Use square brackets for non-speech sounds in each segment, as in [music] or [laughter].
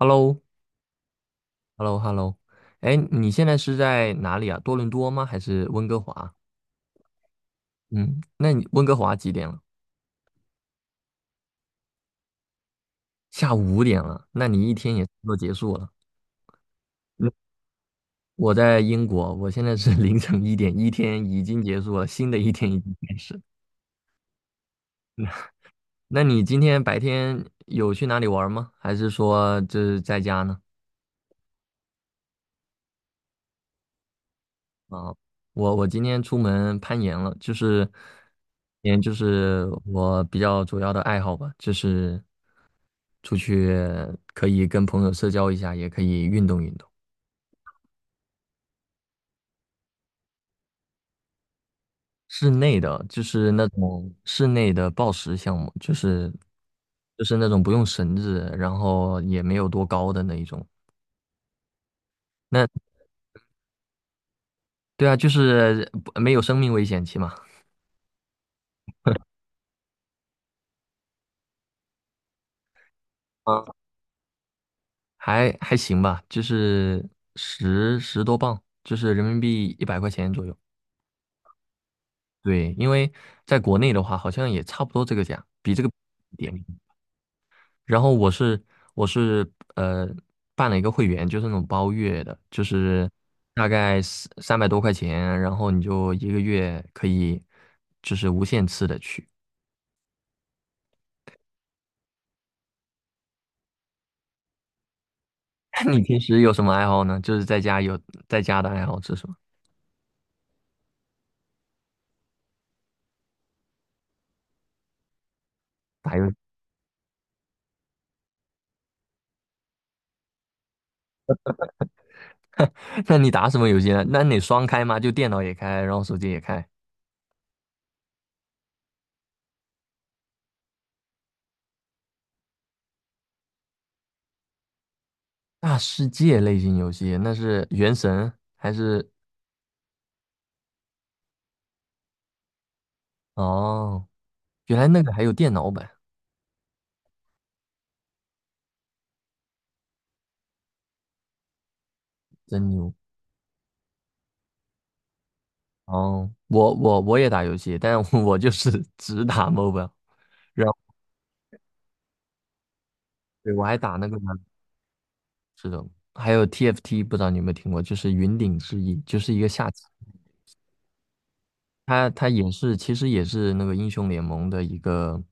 h e l l o h e l l o h e l l o 哎，你现在是在哪里啊？多伦多吗？还是温哥华？嗯，那你温哥华几点了？下午5点了，那你一天也差不多结束了。嗯我在英国，我现在是 [laughs] 凌晨1点，一天已经结束了，新的一天已经开始。那你今天白天有去哪里玩吗？还是说就是在家呢？啊，我今天出门攀岩了，嗯，就是我比较主要的爱好吧，就是出去可以跟朋友社交一下，也可以运动运动。室内的就是那种室内的抱石项目，就是那种不用绳子，然后也没有多高的那一种。那对啊，就是不没有生命危险期嘛，啊，[laughs] 还行吧，就是十多磅，就是人民币100块钱左右。对，因为在国内的话，好像也差不多这个价，比这个一点。然后我是呃办了一个会员，就是那种包月的，就是大概三百多块钱，然后你就一个月可以就是无限次的去。[laughs] 你平时有什么爱好呢？就是在家的爱好是什么？打游戏？[laughs] 那你打什么游戏呢？那你双开吗？就电脑也开，然后手机也开？大世界类型游戏，那是原神还是？哦，原来那个还有电脑版，真牛！哦，我也打游戏，但是我就是 [laughs] 只打 m o b i l e 然后对我还打那个呢，这种，还有 TFT,不知道你有没有听过，就是云顶之弈，就是一个下棋。它也是，其实也是那个英雄联盟的一个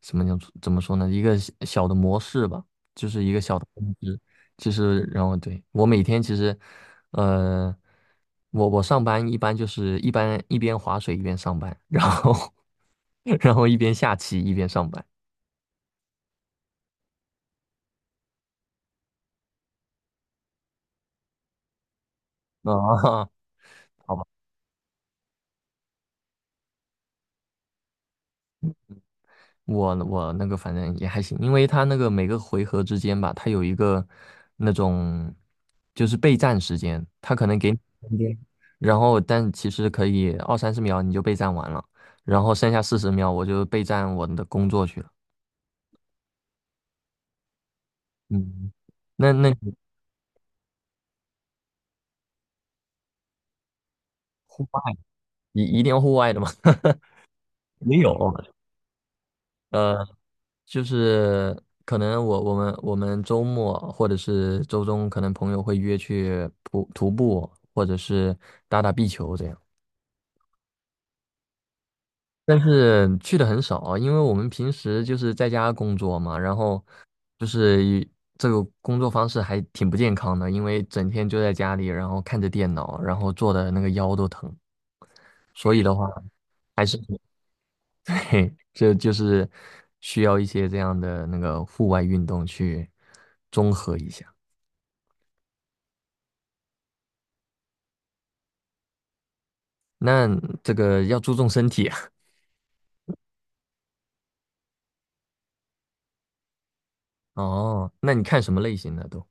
什么叫怎么说呢？一个小小的模式吧，就是一个小的就是，其实，然后对，我每天其实，呃，我上班一般一边划水一边上班，然后 [laughs] 然后一边下棋一边上班。啊，[laughs] 好吧。我那个反正也还行，因为他那个每个回合之间吧，他有一个那种就是备战时间，他可能给你空间，然后但其实可以二三十秒你就备战完了，然后剩下40秒我就备战我的工作去了。嗯，那你户外一定要户外的吗？[laughs] 没有，呃，就是可能我们周末或者是周中，可能朋友会约去徒步，或者是打打壁球这样。但是去的很少，因为我们平时就是在家工作嘛，然后就是一这个工作方式还挺不健康的，因为整天就在家里，然后看着电脑，然后坐的那个腰都疼。所以的话，[laughs] 嘿，这就是需要一些这样的那个户外运动去综合一下。那这个要注重身体啊。[laughs] 哦，那你看什么类型的都？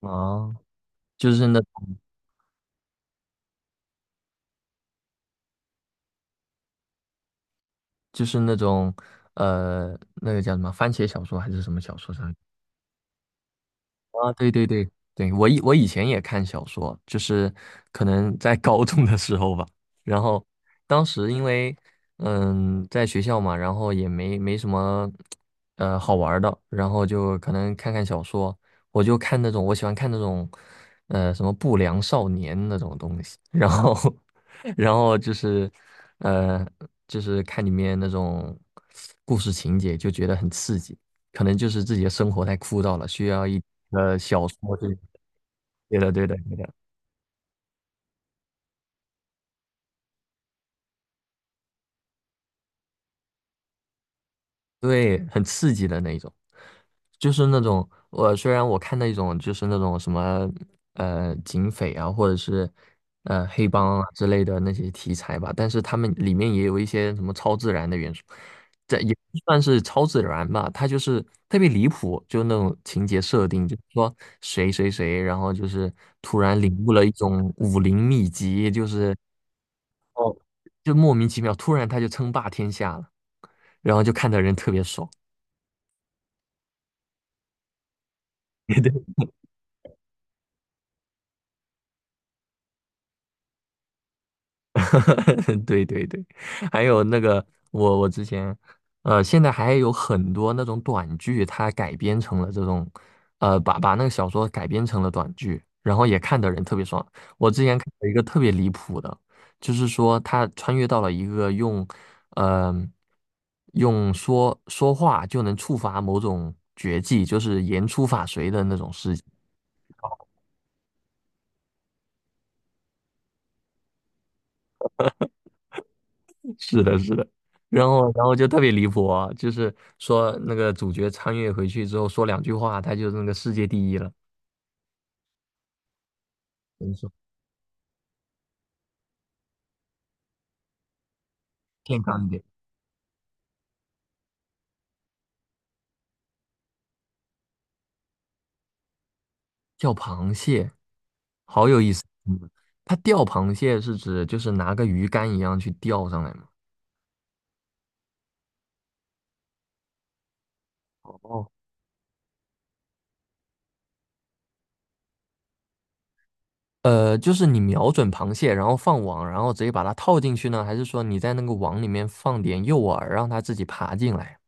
哦，就是那，就是那种，呃，那个叫什么番茄小说还是什么小说上啊，对对对对，我以前也看小说，就是可能在高中的时候吧。然后当时因为嗯在学校嘛，然后也没什么呃好玩儿的，然后就可能看看小说，我喜欢看那种呃什么不良少年那种东西，然后 [laughs] 然后呃就是看里面那种故事情节，就觉得很刺激。可能就是自己的生活太枯燥了，需要一呃小说这，对的，对的，对的，对，很刺激的那一种，就是那种我虽然我看那种就是那种什么呃警匪啊，或者是呃黑帮啊之类的那些题材吧，但是他们里面也有一些什么超自然的元素，这也不算是超自然吧，它就是特别离谱，就那种情节设定，就是说谁谁谁，然后就是突然领悟了一种武林秘籍，就莫名其妙，突然他就称霸天下了，然后就看的人特别爽。[laughs] 对对 [laughs] 对对对还有那个我我之前，呃，现在还有很多那种短剧，它改编成了这种，呃，把那个小说改编成了短剧，然后也看的人特别爽。我之前看了一个特别离谱的，就是说他穿越到了一个用，呃，用说话就能触发某种绝技，就是言出法随的那种事。是的，是的，然后就特别离谱啊，就是说那个主角穿越回去之后说两句话，他就是那个世界第一了。怎么说？健康一点，钓螃蟹，好有意思。嗯他钓螃蟹是指就是拿个鱼竿一样去钓上来吗？哦，呃，就是你瞄准螃蟹，然后放网，然后直接把它套进去呢，还是说你在那个网里面放点诱饵，让它自己爬进来？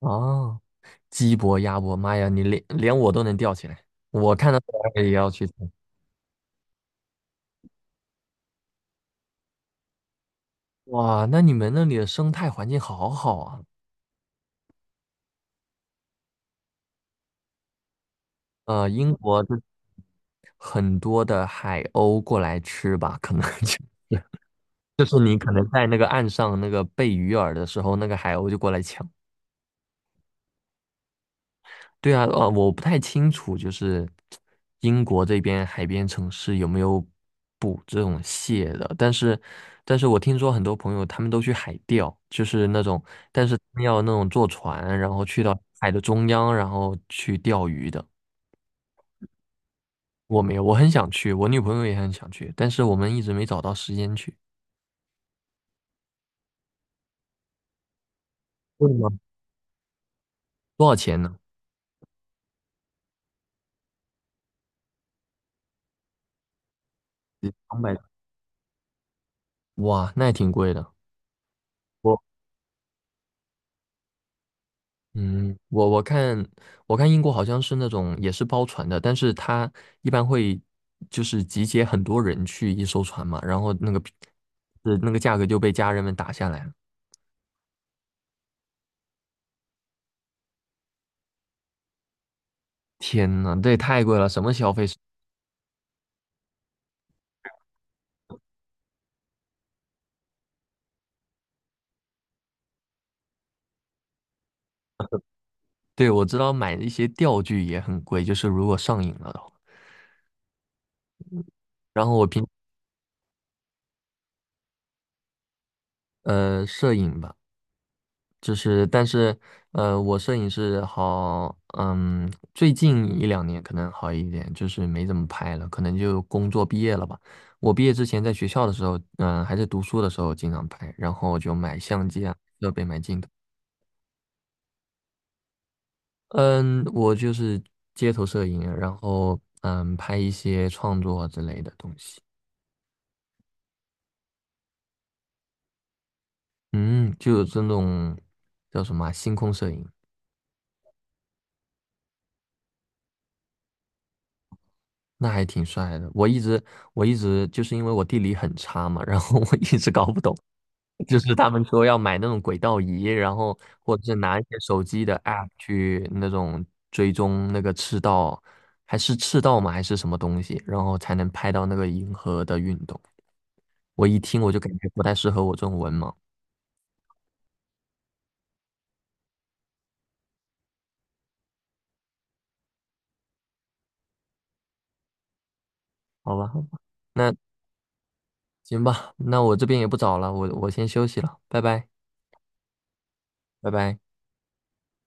哦，鸡脖、鸭脖，妈呀，你连我都能钓起来，我看到这玩意儿也要去。哇，那你们那里的生态环境好好啊！呃，英国的很多的海鸥过来吃吧，可能就是 [laughs] 就是你可能在那个岸上那个贝鱼饵的时候，那个海鸥就过来抢。对啊，呃，我不太清楚，就是英国这边海边城市有没有捕这种蟹的，但是，但是我听说很多朋友他们都去海钓，就是那种，但是他们要那种坐船，然后去到海的中央，然后去钓鱼的。我没有，我很想去，我女朋友也很想去，但是我们一直没找到时间去。贵吗？多少钱呢？200哇，那也挺贵的。我，嗯，我我看我看英国好像是那种也是包船的，但是它一般会就是集结很多人去一艘船嘛，然后那个是那个价格就被家人们打下来了。天呐，这也太贵了，什么消费是对，我知道买一些钓具也很贵，就是如果上瘾了的话。然后我平呃摄影吧。就是，但是，我摄影是好，嗯，最近一两年可能好一点，就是没怎么拍了，可能就工作毕业了吧。我毕业之前在学校的时候，嗯，还在读书的时候经常拍，然后就买相机啊，设备买镜头，嗯，我就是街头摄影，然后嗯，拍一些创作之类的东西，嗯，就有这种叫什么啊星空摄影。那还挺帅的。我一直就是因为我地理很差嘛，然后 [laughs] 我一直搞不懂，就是他们说要买那种轨道仪，然后或者是拿一些手机的 app 去那种追踪那个赤道，还是赤道吗？还是什么东西，然后才能拍到那个银河的运动。我一听我就感觉不太适合我这种文盲。好吧，好吧，那行吧，那我这边也不早了，我先休息了，拜拜，拜拜。